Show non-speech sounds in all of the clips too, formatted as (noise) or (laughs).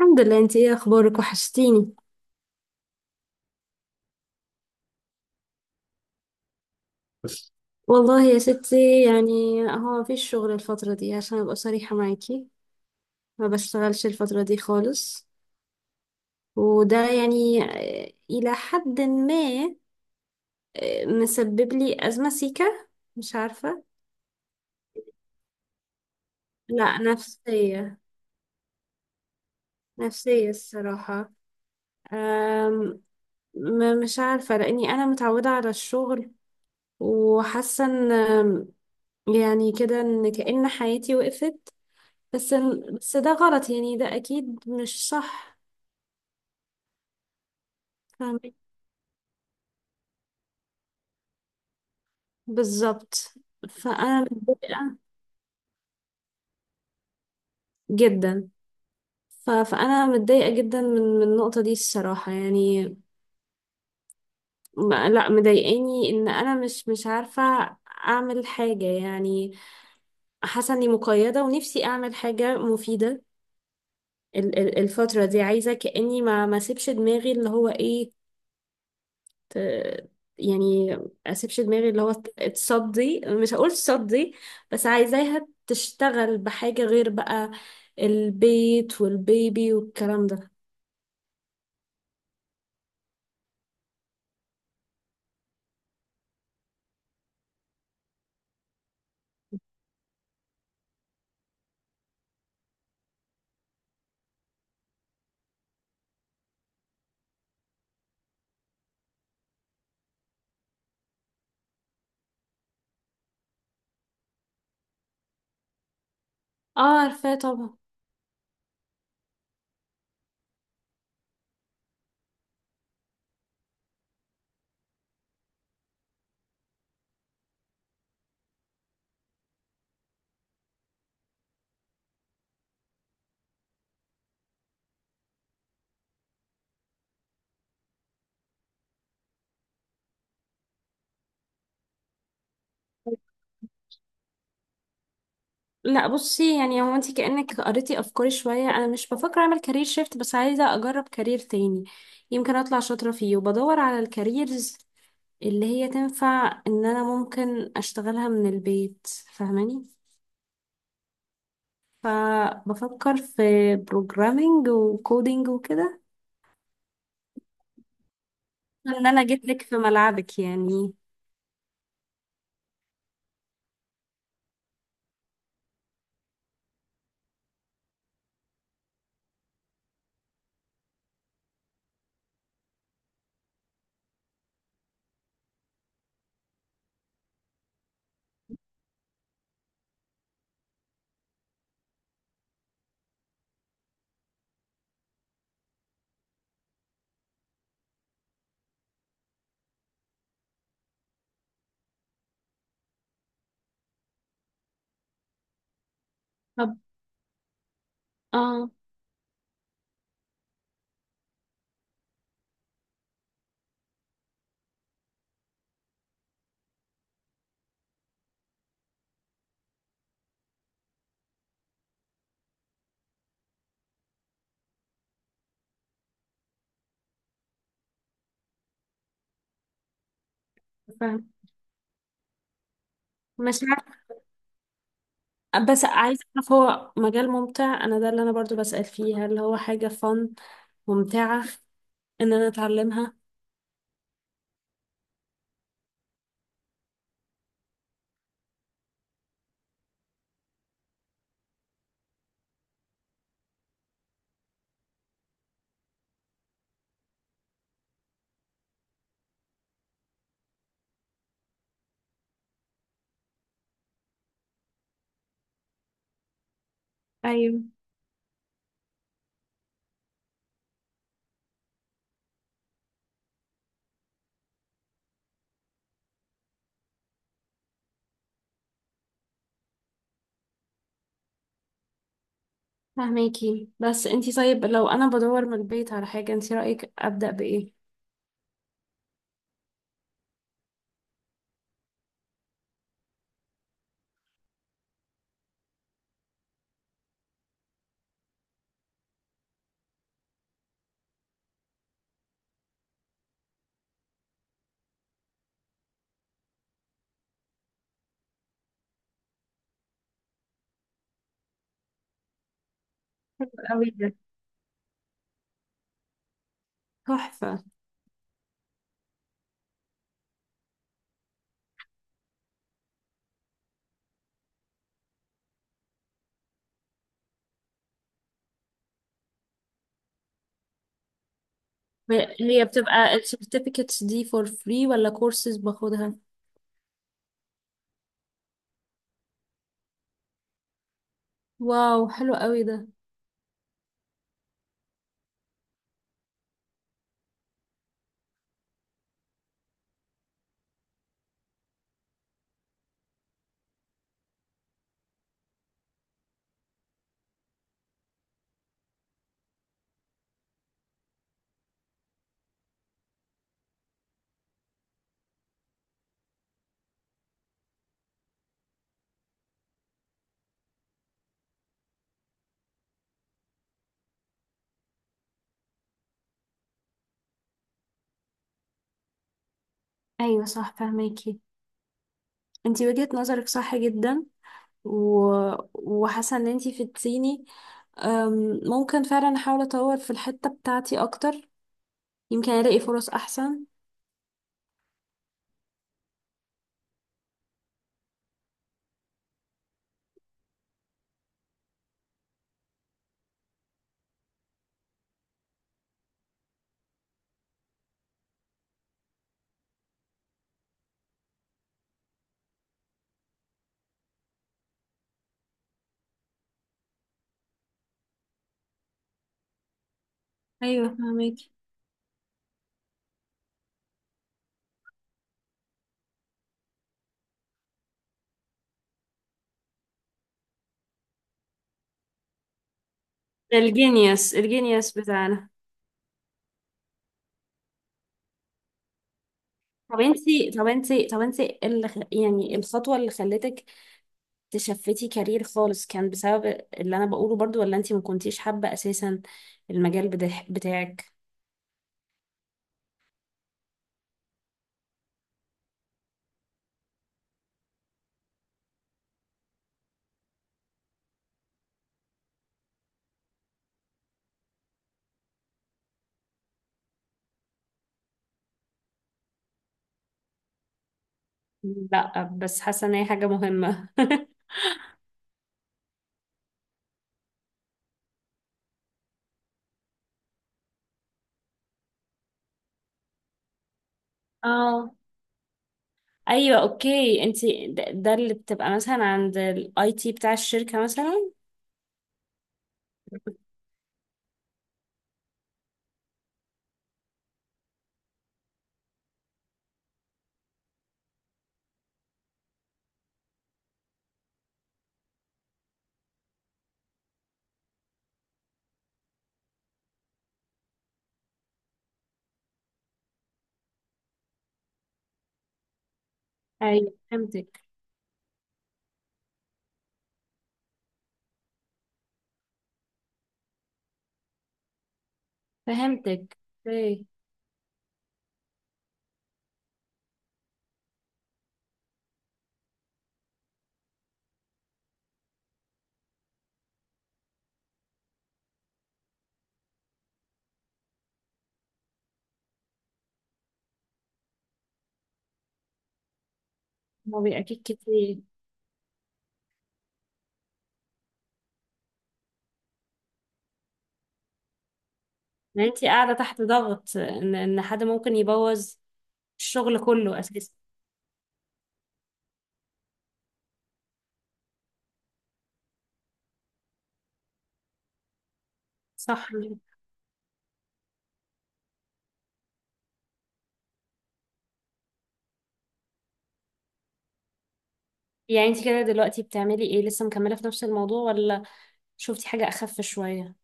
الحمد لله. انت ايه اخبارك؟ وحشتيني. والله يا ستي يعني هو مفيش شغل الفترة دي عشان ابقى صريحة معاكي، ما بشتغلش الفترة دي خالص. وده يعني، اه، الى حد ما اه، مسبب لي ازمة سيكة. مش عارفة. لا نفسية، نفسية الصراحة. أم، مش عارفة لاني انا متعودة على الشغل وحاسة ان يعني كده ان كأن حياتي وقفت. بس ده غلط، يعني ده أكيد مش صح. فاهمة، بالظبط. فأنا متضايقة جدا. فأنا متضايقة جدا من النقطة دي الصراحة يعني. لا مضايقاني إن أنا مش عارفة أعمل حاجة يعني. حاسة إني مقيدة ونفسي أعمل حاجة مفيدة. الفترة دي عايزة كأني ما سيبش دماغي اللي هو إيه، ت- يعني اسيبش دماغي اللي هو، تصدي. مش هقول تصدي، بس عايزاها تشتغل بحاجة غير بقى، البيت والبيبي والكلام ده. اه، عارفاه طبعا. لا بصي، يعني هو انت كأنك قريتي افكاري شوية. انا مش بفكر اعمل كارير شيفت، بس عايزة اجرب كارير تاني يمكن اطلع شاطرة فيه، وبدور على الكاريرز اللي هي تنفع ان انا ممكن اشتغلها من البيت. فاهماني؟ فبفكر في بروجرامينج وكودينج وكده، ان انا جيت لك في ملعبك يعني. طب. اه، فاهم. مش عارفة، بس عايزة اعرف هو مجال ممتع؟ انا ده اللي انا برضو بسأل فيه، هل هو حاجة فن ممتعة ان انا اتعلمها؟ ايوه فهماكي. بس انتي طيب، لو انا بدور من البيت على حاجة، انتي رأيك ابدأ بايه؟ قوي ده. تحفة. هي بتبقى السيرتيفيكتس دي فور فري ولا كورسز باخدها؟ واو، حلو قوي ده. ايوه صح، فهماكي. انتي وجهة نظرك صح جدا. و... وحاسه ان انتي فدتيني. ممكن فعلا احاول اطور في الحته بتاعتي اكتر يمكن الاقي فرص احسن. ايوه فهماكي. ده الجينيوس، الجينيوس بتاعنا. طب انتي، إيه اللي يعني الخطوه اللي خلتك تشفتي كارير خالص؟ كان بسبب اللي انا بقوله برضو ولا انتي ما كنتيش حابه اساسا المجال بتاعك؟ لا، بس حاسه ان هي حاجه مهمه. (laughs) اه، ايوه اوكي. انت ده, اللي بتبقى مثلا عند الاي تي بتاع الشركه مثلا؟ ايوه فهمتك. فهمتك، اوكي. هو بيبقى اكيد كتير. يعني انت قاعده تحت ضغط ان حد ممكن يبوظ الشغل كله اساسا. صح. يعني انت كده دلوقتي بتعملي ايه؟ لسه مكمله في نفس الموضوع ولا شفتي حاجه اخف شويه؟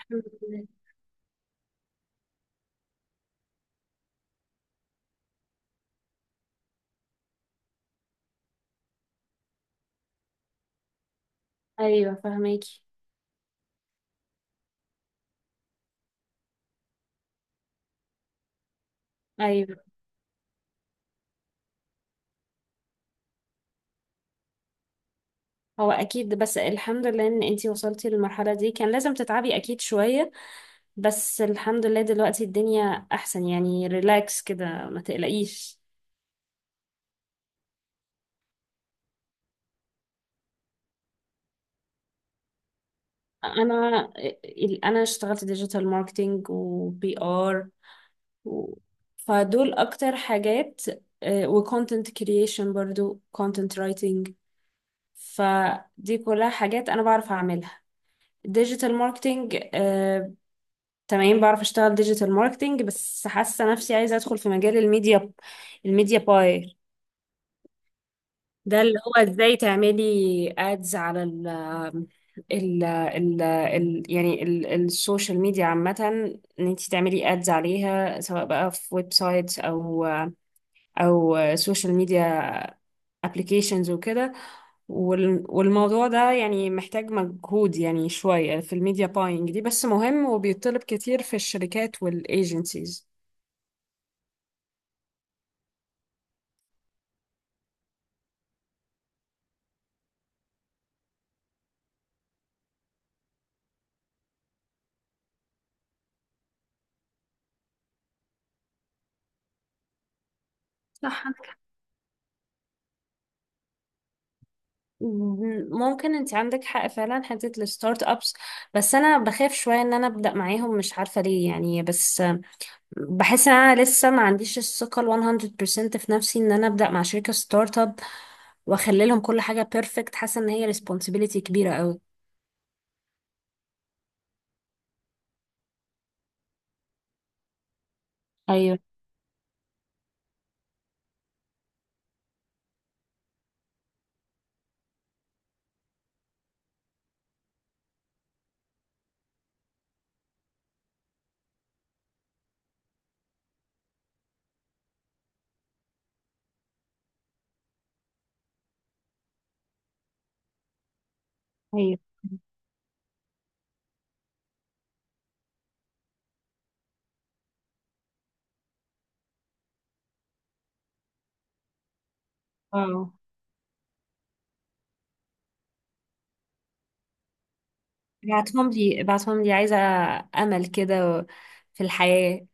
الحمد لله. ايوه فهماكي. ايوه. هو اكيد، بس الحمد لله ان انتي وصلتي للمرحله دي. كان لازم تتعبي اكيد شويه، بس الحمد لله دلوقتي الدنيا احسن. يعني ريلاكس كده، ما تقلقيش. انا انا اشتغلت ديجيتال ماركتينج وبي ار، فدول اكتر حاجات. وكونتنت كرييشن، برضو كونتنت رايتنج. فدي كلها حاجات انا بعرف اعملها. ديجيتال ماركتينج، تمام بعرف اشتغل ديجيتال ماركتينج، بس حاسه نفسي عايزه ادخل في مجال الميديا، الميديا باير. ده اللي هو ازاي تعملي ادز على ال يعني السوشيال ميديا عامة، ان انت تعملي ادز عليها سواء بقى في ويب سايتس او او سوشيال ميديا، ابلكيشنز وكده. والموضوع ده يعني محتاج مجهود يعني شوية في الميديا باينج دي، بس مهم وبيطلب كتير في الشركات والايجنسيز. صح. ممكن، انت عندك حق فعلا، حته الستارت ابس. بس انا بخاف شويه ان انا ابدا معاهم، مش عارفه ليه يعني، بس بحس ان انا لسه ما عنديش الثقه ال 100% في نفسي ان انا ابدا مع شركه ستارت اب واخلي لهم كل حاجه بيرفكت. حاسه ان هي ريسبونسبيلتي كبيره قوي. ايوه ايوه. اه ابعتهم لي، ابعتهم لي، عايزه امل كده في الحياه.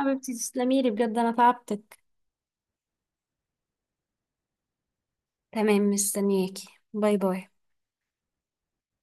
حبيبتي تسلمي لي بجد، انا تعبتك. تمام، مستنياكي. باي باي.